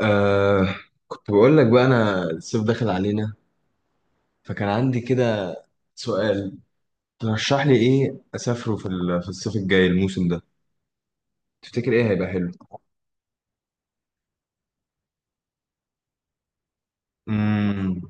آه، كنت بقول لك بقى انا الصيف داخل علينا، فكان عندي كده سؤال. ترشح لي ايه اسافره في الصيف الجاي الموسم ده؟ تفتكر ايه هيبقى حلو؟ امم،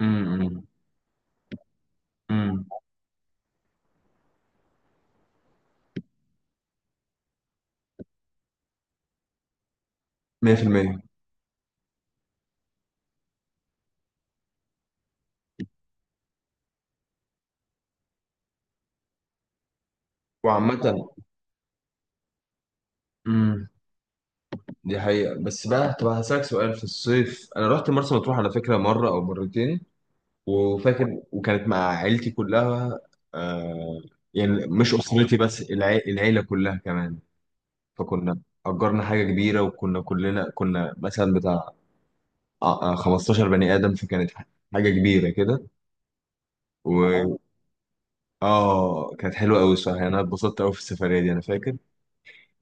امم، امم، 100%. وعامة، امم دي حقيقة. بس بقى طب هسألك سؤال، في الصيف انا رحت مرسى مطروح على فكرة مرة او مرتين، وفاكر، وكانت مع عيلتي كلها. آه، يعني مش اسرتي بس، العيلة كلها كمان. فكنا أجرنا حاجة كبيرة، وكنا كلنا كنا مثلا بتاع 15 بني آدم، فكانت حاجة كبيرة كده. و اه آه كانت حلوة أوي الصراحة، يعني أنا اتبسطت أوي في السفرية دي أنا فاكر.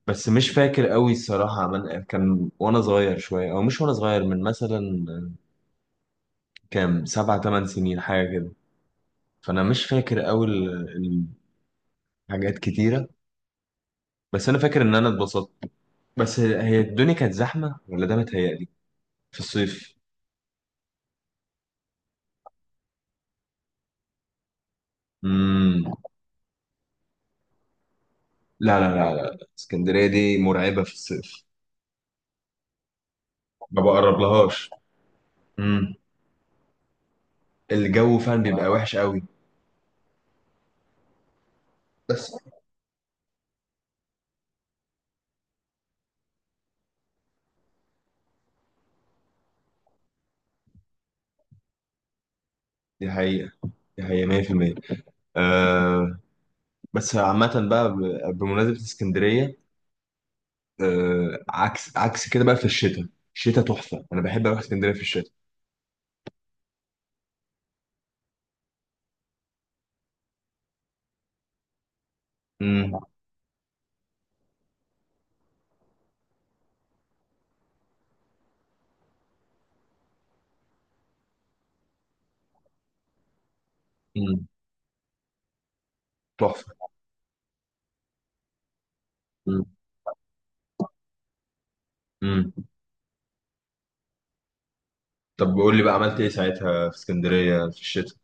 بس مش فاكر أوي الصراحة، عمل كان وأنا صغير شوية، أو مش وأنا صغير، من مثلا كام 7 8 سنين حاجة كده. فأنا مش فاكر أوي الحاجات كتيرة، بس أنا فاكر إن أنا اتبسطت. بس هي الدنيا كانت زحمة ولا ده متهيألي، في الصيف؟ امم. لا لا لا لا، اسكندرية دي مرعبة في الصيف، ما بقرب لهاش. امم. الجو فعلا بيبقى وحش قوي. بس دي حقيقة، دي حقيقة 100%. آه. بس عامة بقى بمناسبة اسكندرية، آه عكس عكس كده بقى في الشتاء. الشتاء تحفة، أنا بحب أروح اسكندرية في الشتاء. امم. مم. تحفة. مم. مم. طب قول لي بقى عملت إيه ساعتها في اسكندرية في الشتاء؟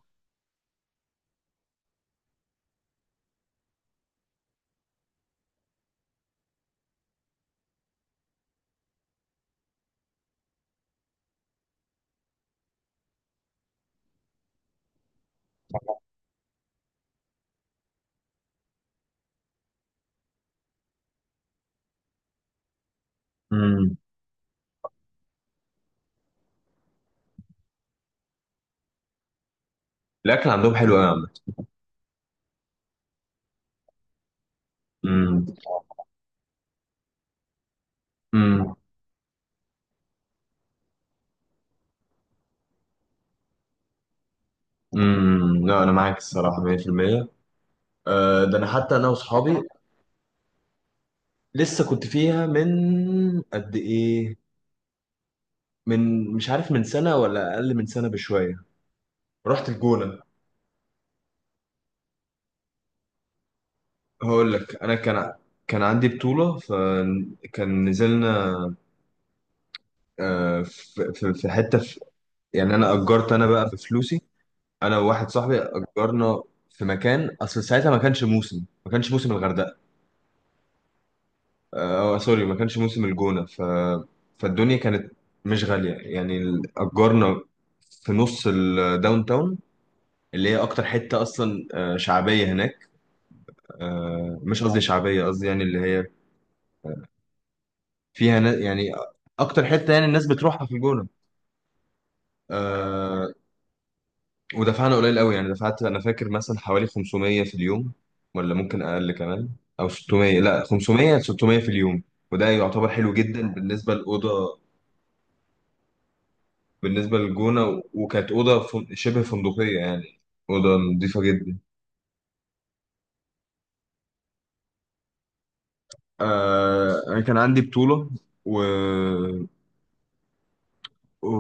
امم. الأكل عندهم حلو أوي يا عم. مم. مم. مم. لا أنا معاك الصراحة 100%. آه، ده انا حتى انا واصحابي لسه كنت فيها من قد ايه، من مش عارف من سنه ولا اقل من سنه بشويه. رحت الجونه. هقول لك، انا كان عندي بطوله فكان نزلنا في حته في، يعني انا اجرت، انا بقى بفلوسي، انا وواحد صاحبي اجرنا في مكان. اصل ساعتها ما كانش موسم، ما كانش موسم الغردقه. آه سوري، ما كانش موسم الجونة فالدنيا كانت مش غالية يعني. أجرنا في نص الداون تاون، اللي هي أكتر حتة أصلا، آه، شعبية هناك. آه، مش قصدي اه شعبية، قصدي يعني اللي هي فيها يعني أكتر حتة يعني الناس بتروحها في الجونة. آه، ودفعنا قليل قوي، يعني دفعت أنا فاكر مثلا حوالي 500 في اليوم، ولا ممكن أقل كمان، أو 600، لا 500 600 في اليوم. وده يعتبر حلو جدا بالنسبة للأوضة، بالنسبة للجونة. وكانت أوضة شبه فندقية يعني، أوضة نظيفة جدا. آه أنا كان عندي بطولة و... و...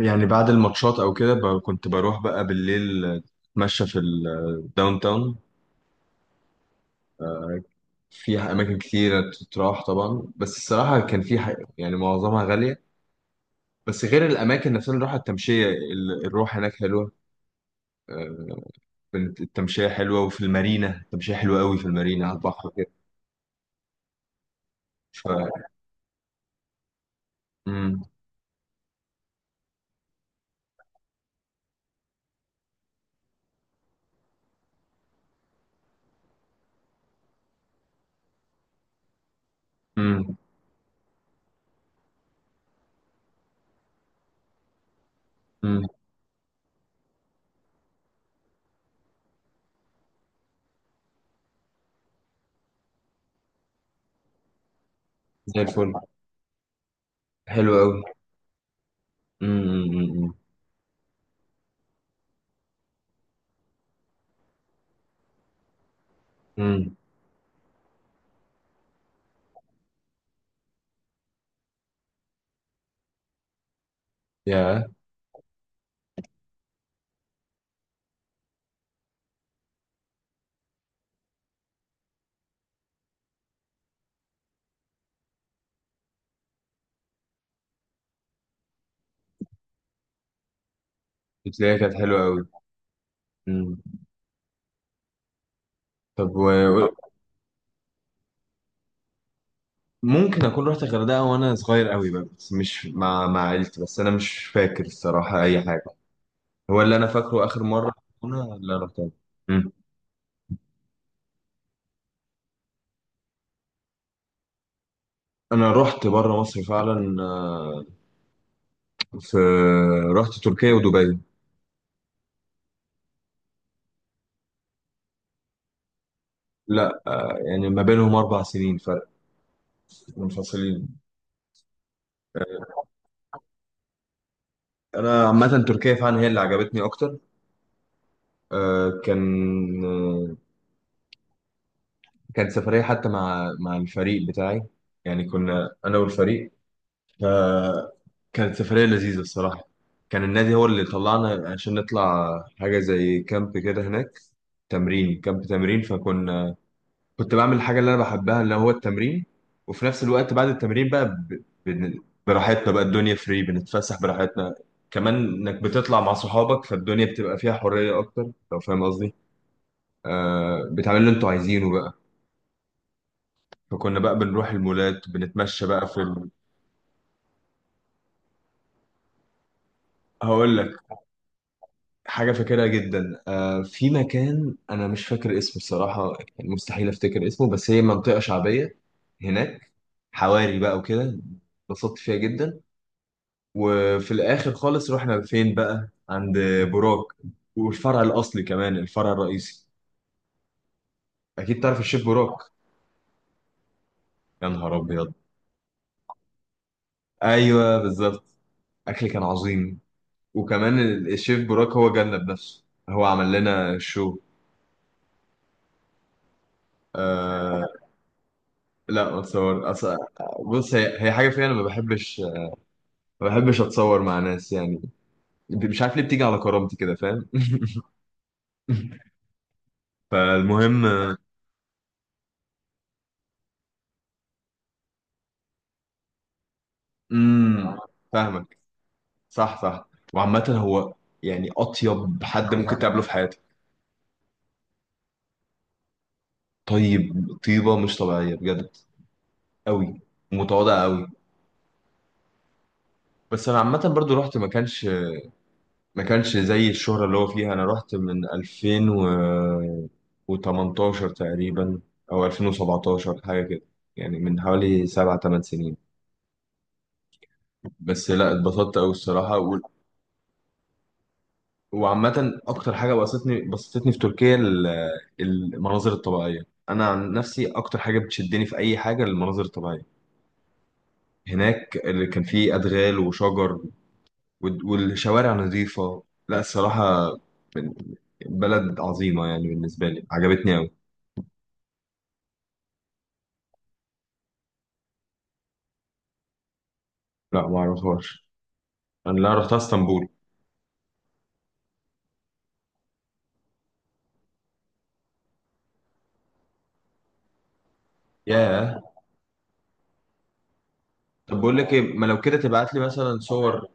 يعني بعد الماتشات أو كده كنت بروح بقى بالليل أتمشى في الداون تاون، في أماكن كتيرة تتراح طبعا. بس الصراحة كان في يعني معظمها غالية. بس غير الأماكن نفسها، اللي راحة التمشية، الروح هناك حلوة. آه، كانت التمشية حلوة، وفي المارينا التمشية حلوة قوي، في المارينا على البحر كده. ف... مم. مم. امم. زي الفل، حلو قوي. امم. امم. يا، بتلاقيها كانت حلوه قوي. امم. طب ممكن اكون رحت الغردقه وانا صغير قوي بقى، بس مش مع عيلتي. بس انا مش فاكر الصراحه اي حاجه. هو اللي انا فاكره اخر مره هنا اللي انا رحتها. امم. انا رحت بره مصر فعلا، آه، في، رحت تركيا ودبي. لا، يعني ما بينهم 4 سنين فرق، منفصلين. انا عامه تركيا فعلا هي اللي عجبتني اكتر. آه، كان آه، كانت سفرية حتى مع الفريق بتاعي، يعني كنا أنا والفريق. فكانت سفرية لذيذة الصراحة. كان النادي هو اللي طلعنا عشان نطلع حاجة زي كامب كده هناك، تمرين كامب تمرين. كنت بعمل الحاجة اللي أنا بحبها اللي هو التمرين. وفي نفس الوقت بعد التمرين بقى براحتنا بقى، الدنيا فري، بنتفسح براحتنا. كمان إنك بتطلع مع صحابك، فالدنيا بتبقى فيها حرية أكتر لو فاهم قصدي. آه بتعمل اللي أنتوا عايزينه بقى. فكنا بقى بنروح المولات، بنتمشى بقى في هقول لك حاجة فاكرها جدا، آه في مكان أنا مش فاكر اسمه الصراحة. يعني مستحيل أفتكر اسمه، بس هي منطقة شعبية هناك، حواري بقى وكده. اتبسطت فيها جدا. وفي الآخر خالص رحنا فين بقى؟ عند بوراك، والفرع الأصلي كمان، الفرع الرئيسي. أكيد تعرف الشيف بوراك. يا نهار أبيض. أيوه بالظبط. أكل كان عظيم. وكمان الشيف بوراك هو جالنا بنفسه، هو عمل لنا شو. أه. لا ما اتصور اصل. بص هي حاجه فيها انا ما بحبش، ما بحبش اتصور مع ناس يعني. مش عارف ليه بتيجي على كرامتي كده، فاهم. فالمهم. امم. فاهمك، صح صح. وعامه هو يعني اطيب حد ممكن تقابله في حياتك. طيب، طيبه مش طبيعيه بجد، قوي. ومتواضع قوي. بس انا عامه برضو رحت، ما كانش زي الشهرة اللي هو فيها. انا رحت من 2018 تقريبا او 2017 حاجة كده، يعني من حوالي 7 8 سنين. بس لا، اتبسطت قوي الصراحة. وعامة اكتر حاجة بسطتني بسطتني في تركيا المناظر الطبيعية. انا عن نفسي اكتر حاجة بتشدني في اي حاجة المناظر الطبيعية. هناك اللي كان فيه ادغال وشجر والشوارع نظيفة. لا الصراحة بلد عظيمة يعني، بالنسبة لي عجبتني أوي. لا ما اعرفهاش، انا لا رحت اسطنبول. ياه. طب بقول لك ايه، ما لو كده تبعت لي مثلا صور،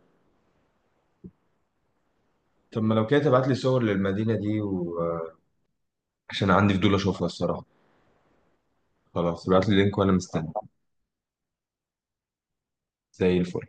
طب ما لو كده تبعت لي صور للمدينة دي، وعشان عندي فضول اشوفها الصراحة. خلاص تبعت لي لينك وانا مستني. زي الفل.